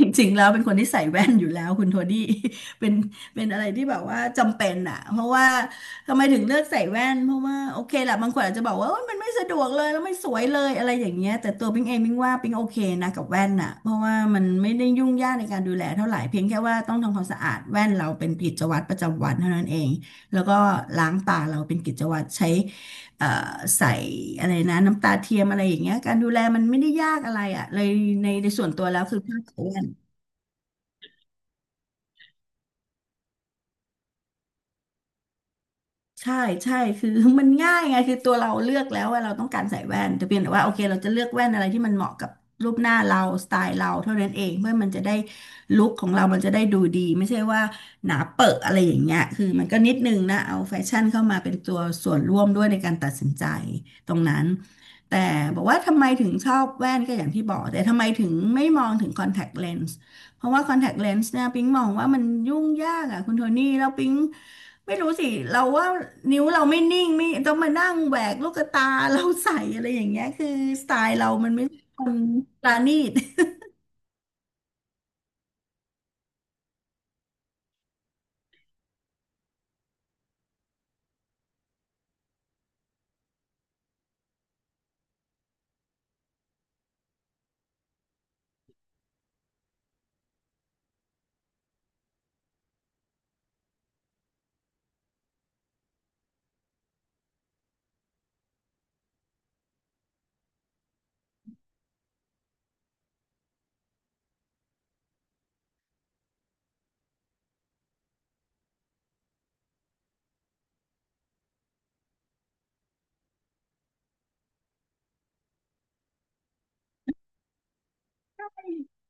จริงๆแล้วเป็นคนที่ใส่แว่นอยู่แล้วคุณโทนี่ เป็นเป็นอะไรที่แบบว่าจำเป็นอ่ะเพราะว่าทำไมถึงเลือกใส่แว่นเพราะว่าโอเคแหละบางคนอาจจะบอกว่าโอ๊ยมันไม่สะดวกเลยแล้วไม่สวยเลยอะไรอย่างเงี้ยแต่ตัวปิงเองปิงว่าปิงโอเคนะกับแว่นอ่ะเพราะว่ามันไม่ได้ยุ่งยากในการดูแลเท่าไหร่เพียงแค่ว่าต้องทำความสะอาดแว่นเราเป็นกิจวัตรประจำวันเท่านั้นเองแล้วก็ล้างตาเราเป็นกิจวัตรใช้เอ่อใส่อะไรนะน้ำตาเทียมอะไรอย่างเงี้ยการดูแลมันไม่ได้ยากอะไรอ่ะเลยในส่วนตัวแล้วคือค่าใช้จ่าย ใช่ใช่คือ มันง่ายไงคือตัวเราเลือกแล้วว่าเราต้องการใส่แว่นแต่เพียงแต่ว่าโอเคเราจะเลือกแว่นอะไรที่มันเหมาะกับรูปหน้าเราสไตล์เราเท่านั้นเองเพื่อมันจะได้ลุคของเรามันจะได้ดูดีไม่ใช่ว่าหนาเปอะอะไรอย่างเงี้ยคือมันก็นิดนึงนะเอาแฟชั่นเข้ามาเป็นตัวส่วนร่วมด้วยในการตัดสินใจตรงนั้นแต่บอกว่าทำไมถึงชอบแว่นก็อย่างที่บอกแต่ทำไมถึงไม่มองถึงคอนแทคเลนส์เพราะว่าคอนแทคเลนส์เนี่ยปิ๊งมองว่ามันยุ่งยากอ่ะคุณโทนี่แล้วปิ๊ง ไม่รู้สิเราว่านิ้วเราไม่นิ่งไม่ต้องมานั่งแหวกลูกตา เราใส่อะไรอย่างเงี้ยคือสไตล์เรามันไม่ใช่คนปราณีต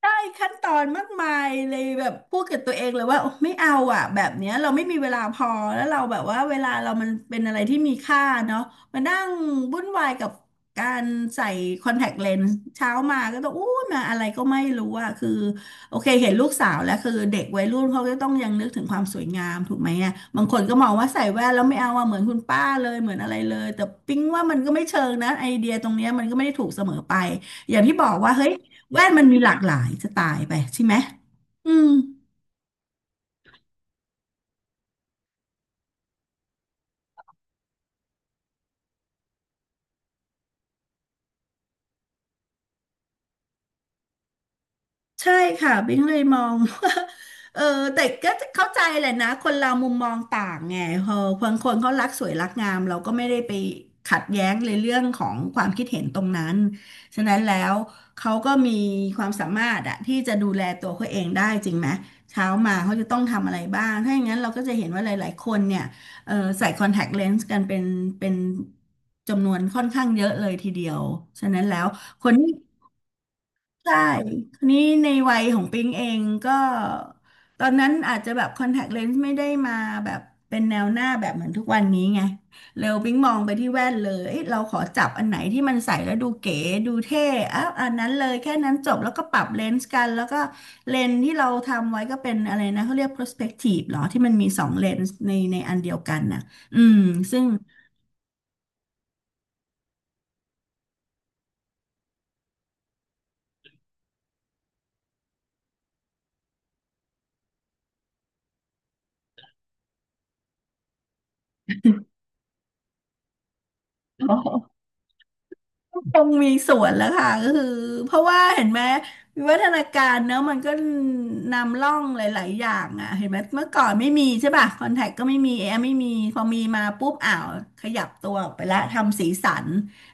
ได้ขั้นตอนมากมายเลยแบบพูดกับตัวเองเลยว่าโอไม่เอาอ่ะแบบเนี้ยเราไม่มีเวลาพอแล้วเราแบบว่าเวลาเรามันเป็นอะไรที่มีค่าเนาะมานั่งวุ่นวายกับการใส่คอนแทคเลนส์เช้ามาก็ต้องอู้มาอะไรก็ไม่รู้อ่ะคือโอเคเห็นลูกสาวแล้วคือเด็กวัยรุ่นเขาก็ต้องยังนึกถึงความสวยงามถูกไหมอ่ะบางคนก็มองว่าใส่แว่นแล้วไม่เอาอ่ะเหมือนคุณป้าเลยเหมือนอะไรเลยแต่ปิ๊งว่ามันก็ไม่เชิงนะไอเดียตรงเนี้ยมันก็ไม่ได้ถูกเสมอไปอย่างที่บอกว่าเฮ้ย แว่นมันมีหลากหลายจะตายไปใช่ไหมอืม ใช่ค่ะบิ๊งเลยมอง ว่าเออแต่ก็เข้าใจแหละนะคนเรามุมมองต่างไงพอบางคนเขารักสวยรักงามเราก็ไม่ได้ไปขัดแย้งในเรื่องของความคิดเห็นตรงนั้นฉะนั้นแล้วเขาก็มีความสามารถอะที่จะดูแลตัวเขาเองได้จริงไหมเช้ามาเขาจะต้องทำอะไรบ้างถ้าอย่างนั้นเราก็จะเห็นว่าหลายๆคนเนี่ยเออใส่คอนแทคเลนส์กันเป็นเป็นจำนวนค่อนข้างเยอะเลยทีเดียวฉะนั้นแล้วคนที่ ใช่คราวนี้ในวัยของปิงเองก็ตอนนั้นอาจจะแบบคอนแทคเลนส์ไม่ได้มาแบบเป็นแนวหน้าแบบเหมือนทุกวันนี้ไง เร็วปิงมองไปที่แว่นเลยเอ้ยเราขอจับอันไหนที่มันใส่แล้วดูเก๋ดูเท่อ้าวอันนั้นเลยแค่นั้นจบแล้วก็ปรับเลนส์กันแล้วก็เลนส์ที่เราทำไว้ก็เป็นอะไรนะเขาเรียก prospective เหรอที่มันมีสองเลนส์ในอันเดียวกันน่ะอืมซึ่ง คงมีส่วนแล้วค่ะก็คือเพราะว่าเห็นไหมวิวัฒนาการเนอะมันก็นำร่องหลายๆอย่างอ่ะเห็นไหมเมื่อก่อนไม่มีใช่ป่ะคอนแทคก็ไม่มีแอร์ไม่มีพอมีมาปุ๊บอ้าวขยับตัวออกไปละทำสีสัน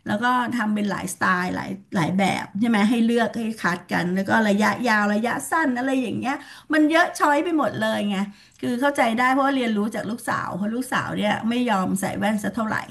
แล้วก็ทำเป็นหลายสไตล์หลายแบบใช่ไหมให้เลือกให้คัดกันแล้วก็ระยะยาวระยะสั้นอะไรอย่างเงี้ยมันเยอะช้อยไปหมดเลยไงคือเข้าใจได้เพราะว่าเรียนรู้จากลูกสาวเพราะลูกสาวเนี่ยไม่ยอมใส่แว่นสักเท่าไหร่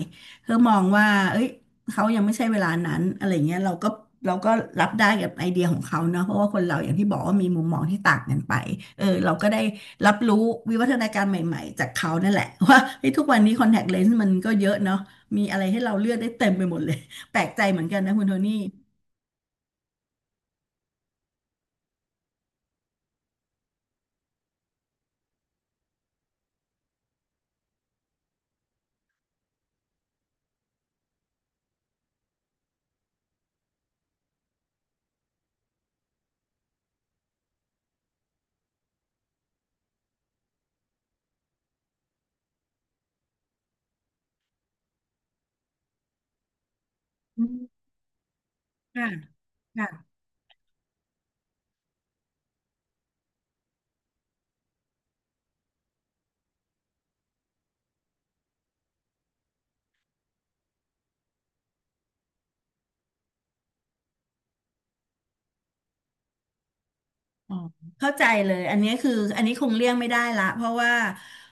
เธอมองว่าเอ้ย เขายังไม่ใช่เวลานั้นอะไรเงี้ยเราก็รับได้กับไอเดียของเขาเนาะเพราะว่าคนเราอย่างที่บอกว่ามีมุมมองที่ต่างกันไปเออเราก็ได้รับรู้วิวัฒนาการใหม่ๆจากเขานั่นแหละ ว่าเฮ้ยทุกวันนี้คอนแทคเลนส์มันก็เยอะเนาะมีอะไรให้เราเลือกได้เต็มไปหมดเลย แปลกใจเหมือนกันนะคุณโทนี่อืมค่ะค่ะ อ๋อเข้าใจเลยอันนี้คืออันนี้คงเลี่ยงไม่ได้ละเพราะว่า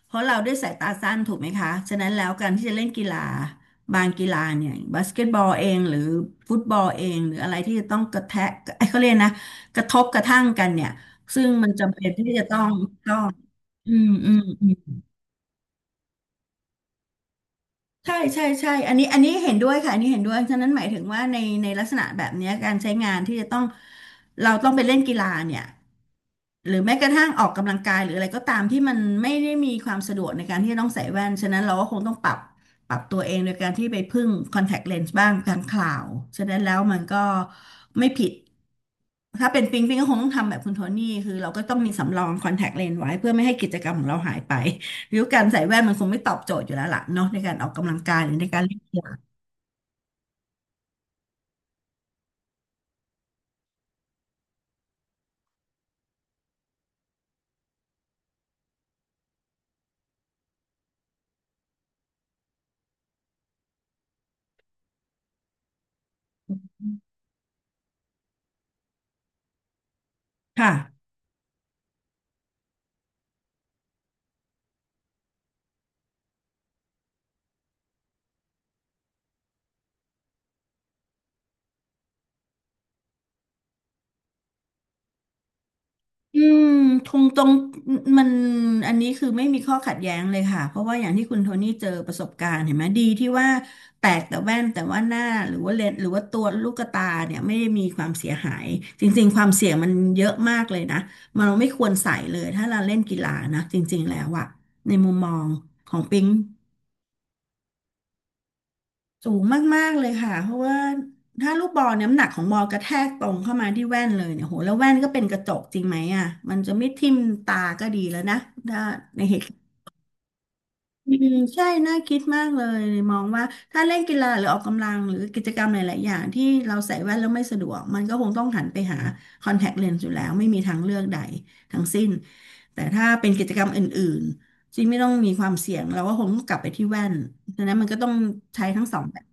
เพราะเราด้วยสายตาสั้นถูกไหมคะฉะนั้นแล้วการที่จะเล่นกีฬาบางกีฬาเนี่ยบาสเกตบอลเองหรือฟุตบอลเองหรืออะไรที่จะต้องกระแทะไอ้เขาเรียกนะกระทบกระทั่งกันเนี่ยซึ่งมันจำเป็นที่จะต้องอืมอืม ใช่ใช่ใช่อันนี้อันนี้เห็นด้วยค่ะอันนี้เห็นด้วย ฉะนั้นหมายถึงว่าในลักษณะแบบเนี้ยการใช้งานที่จะต้องเราต้องไปเล่นกีฬาเนี่ยหรือแม้กระทั่งออกกำลังกายหรืออะไรก็ตามที่มันไม่ได้มีความสะดวกในการที่จะต้องใส่แว่นฉะนั้นเราก็คงต้องปรับตัวเองโดยการที่ไปพึ่งคอนแทคเลนส์บ้างกลางคราวฉะนั้นแล้วมันก็ไม่ผิดถ้าเป็นปิงปิงก็คงต้องทำแบบคุณโทนี่คือเราก็ต้องมีสำรองคอนแทคเลนส์ไว้เพื่อไม่ให้กิจกรรมของเราหายไป ริ้วการใส่แว่นมันคงไม่ตอบโจทย์อยู่แล้วล่ะเนาะในการออกกำลังกายหรือในการเล่นกีฬาค่ะอืมตรงตรงมันอันนี้คือไม่มีข้อขัดแย้งเลยค่ะเพราะว่าอย่างที่คุณโทนี่เจอประสบการณ์เห็นไหมดีที่ว่าแตกแต่แว่นแต่ว่าหน้าหรือว่าเลนส์หรือว่าตัวลูกตาเนี่ยไม่ได้มีความเสียหายจริงๆความเสี่ยงมันเยอะมากเลยนะมันเราไม่ควรใส่เลยถ้าเราเล่นกีฬานะจริงๆแล้วอะในมุมมองของปิง สูงมากๆเลยค่ะเพราะว่าถ้าลูกบอลน้ำหนักของบอลกระแทกตรงเข้ามาที่แว่นเลยเนี่ยโหแล้วแว่นก็เป็นกระจกจริงไหมอ่ะมันจะไม่ทิ่มตาก็ดีแล้วนะถ้าในเหตุการณ์อืมใช่น่าคิดมากเลยมองว่าถ้าเล่นกีฬาหรือออกกำลังหรือกิจกรรมหลายๆอย่างที่เราใส่แว่นแล้วไม่สะดวกมันก็คงต้องหันไปหาคอนแทคเลนส์อยู่แล้วไม่มีทางเลือกใดทั้งสิ้นแต่ถ้าเป็นกิจกรรมอื่นๆที่ไม่ต้องมีความเสี่ยงเราก็คงต้องกลับไปที่แว่นดังนั้นมันก็ต้องใช้ทั้งสองแบบ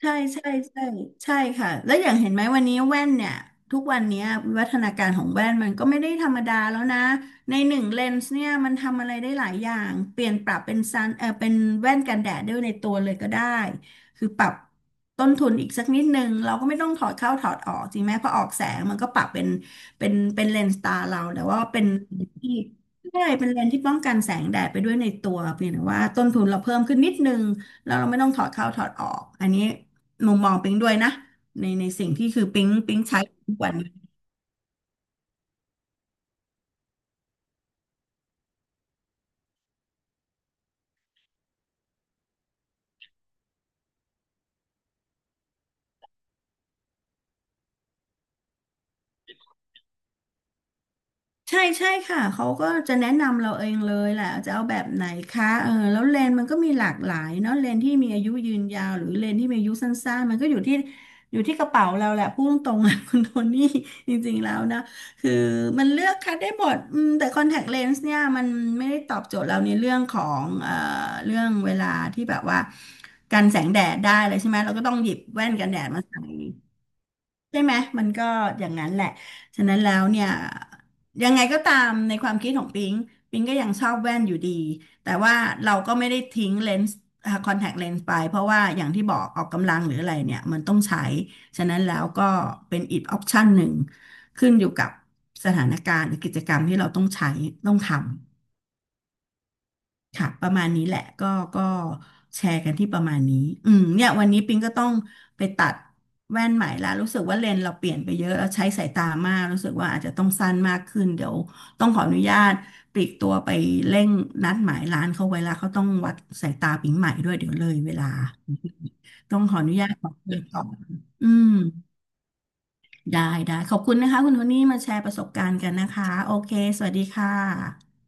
ใช่ใช่ใช่ใช่ค่ะแล้วอย่างเห็นไหมวันนี้แว่นเนี่ยทุกวันเนี้ยวิวัฒนาการของแว่นมันก็ไม่ได้ธรรมดาแล้วนะในหนึ่งเลนส์เนี่ยมันทำอะไรได้หลายอย่างเปลี่ยนปรับเป็นซันเออเป็นแว่นกันแดดด้วยในตัวเลยก็ได้คือปรับต้นทุนอีกสักนิดนึงเราก็ไม่ต้องถอดเข้าถอดออกจริงไหมเพอออกแสงมันก็ปรับเป็นเลนส์ตาเราแต่ว่าเป็นที่ใช่เป็นเลนส์ที่ป้องกันแสงแดดไปด้วยในตัวเพียงแต่ว่าต้นทุนเราเพิ่มขึ้นนิดนึงแล้วเราไม่ต้องถอดเข้าถอดออกอันนี้ มุมมองปิงด้วยนะในในสิ่งที่คือปิงปิงใช้ทุกวันใช่ใช่ค่ะเขาก็จะแนะนำเราเองเลยแหละจะเอาแบบไหนคะเออแล้วเลนมันก็มีหลากหลายเนาะเลนที่มีอายุยืนยาวหรือเลนที่มีอายุสั้นๆมันก็อยู่ที่กระเป๋าเราแหละพูดตรงๆนะ คุณโทนี่จริงๆแล้วนะคือมันเลือกคัดได้หมดอืมแต่คอนแทคเลนส์เนี่ยมันไม่ได้ตอบโจทย์เราในเรื่องของเรื่องเวลาที่แบบว่ากันแสงแดดได้เลยใช่ไหมเราก็ต้องหยิบแว่นกันแดดมาใส่ ใช่ไหมมันก็อย่างนั้นแหละฉะนั้นแล้วเนี่ยยังไงก็ตามในความคิดของปิงปิงก็ยังชอบแว่นอยู่ดีแต่ว่าเราก็ไม่ได้ทิ้งเลนส์คอนแทคเลนส์ไปเพราะว่าอย่างที่บอกออกกำลังหรืออะไรเนี่ยมันต้องใช้ฉะนั้นแล้วก็เป็นอีกออปชันหนึ่งขึ้นอยู่กับสถานการณ์หรือกิจกรรมที่เราต้องใช้ต้องทำ ค่ะประมาณนี้แหละก็แชร์กันที่ประมาณนี้อืมเนี่ยวันนี้ปิงก็ต้องไปตัดแว่นใหม่ละรู้สึกว่าเลนส์เราเปลี่ยนไปเยอะแล้วใช้สายตามากรู้สึกว่าอาจจะต้องสั้นมากขึ้นเดี๋ยวต้องขออนุญาตปลีกตัวไปเร่งนัดหมายร้านเขาไว้ละเขาต้องวัดสายตาปิงใหม่ด้วยเดี๋ยวเลยเวลาต้องขออนุญาตขอเปิดก่อนอืมได้ได้ขอบคุณนะคะคุณโทนี่มาแชร์ประสบการณ์กันนะคะโอเคสวัสดีค่ะ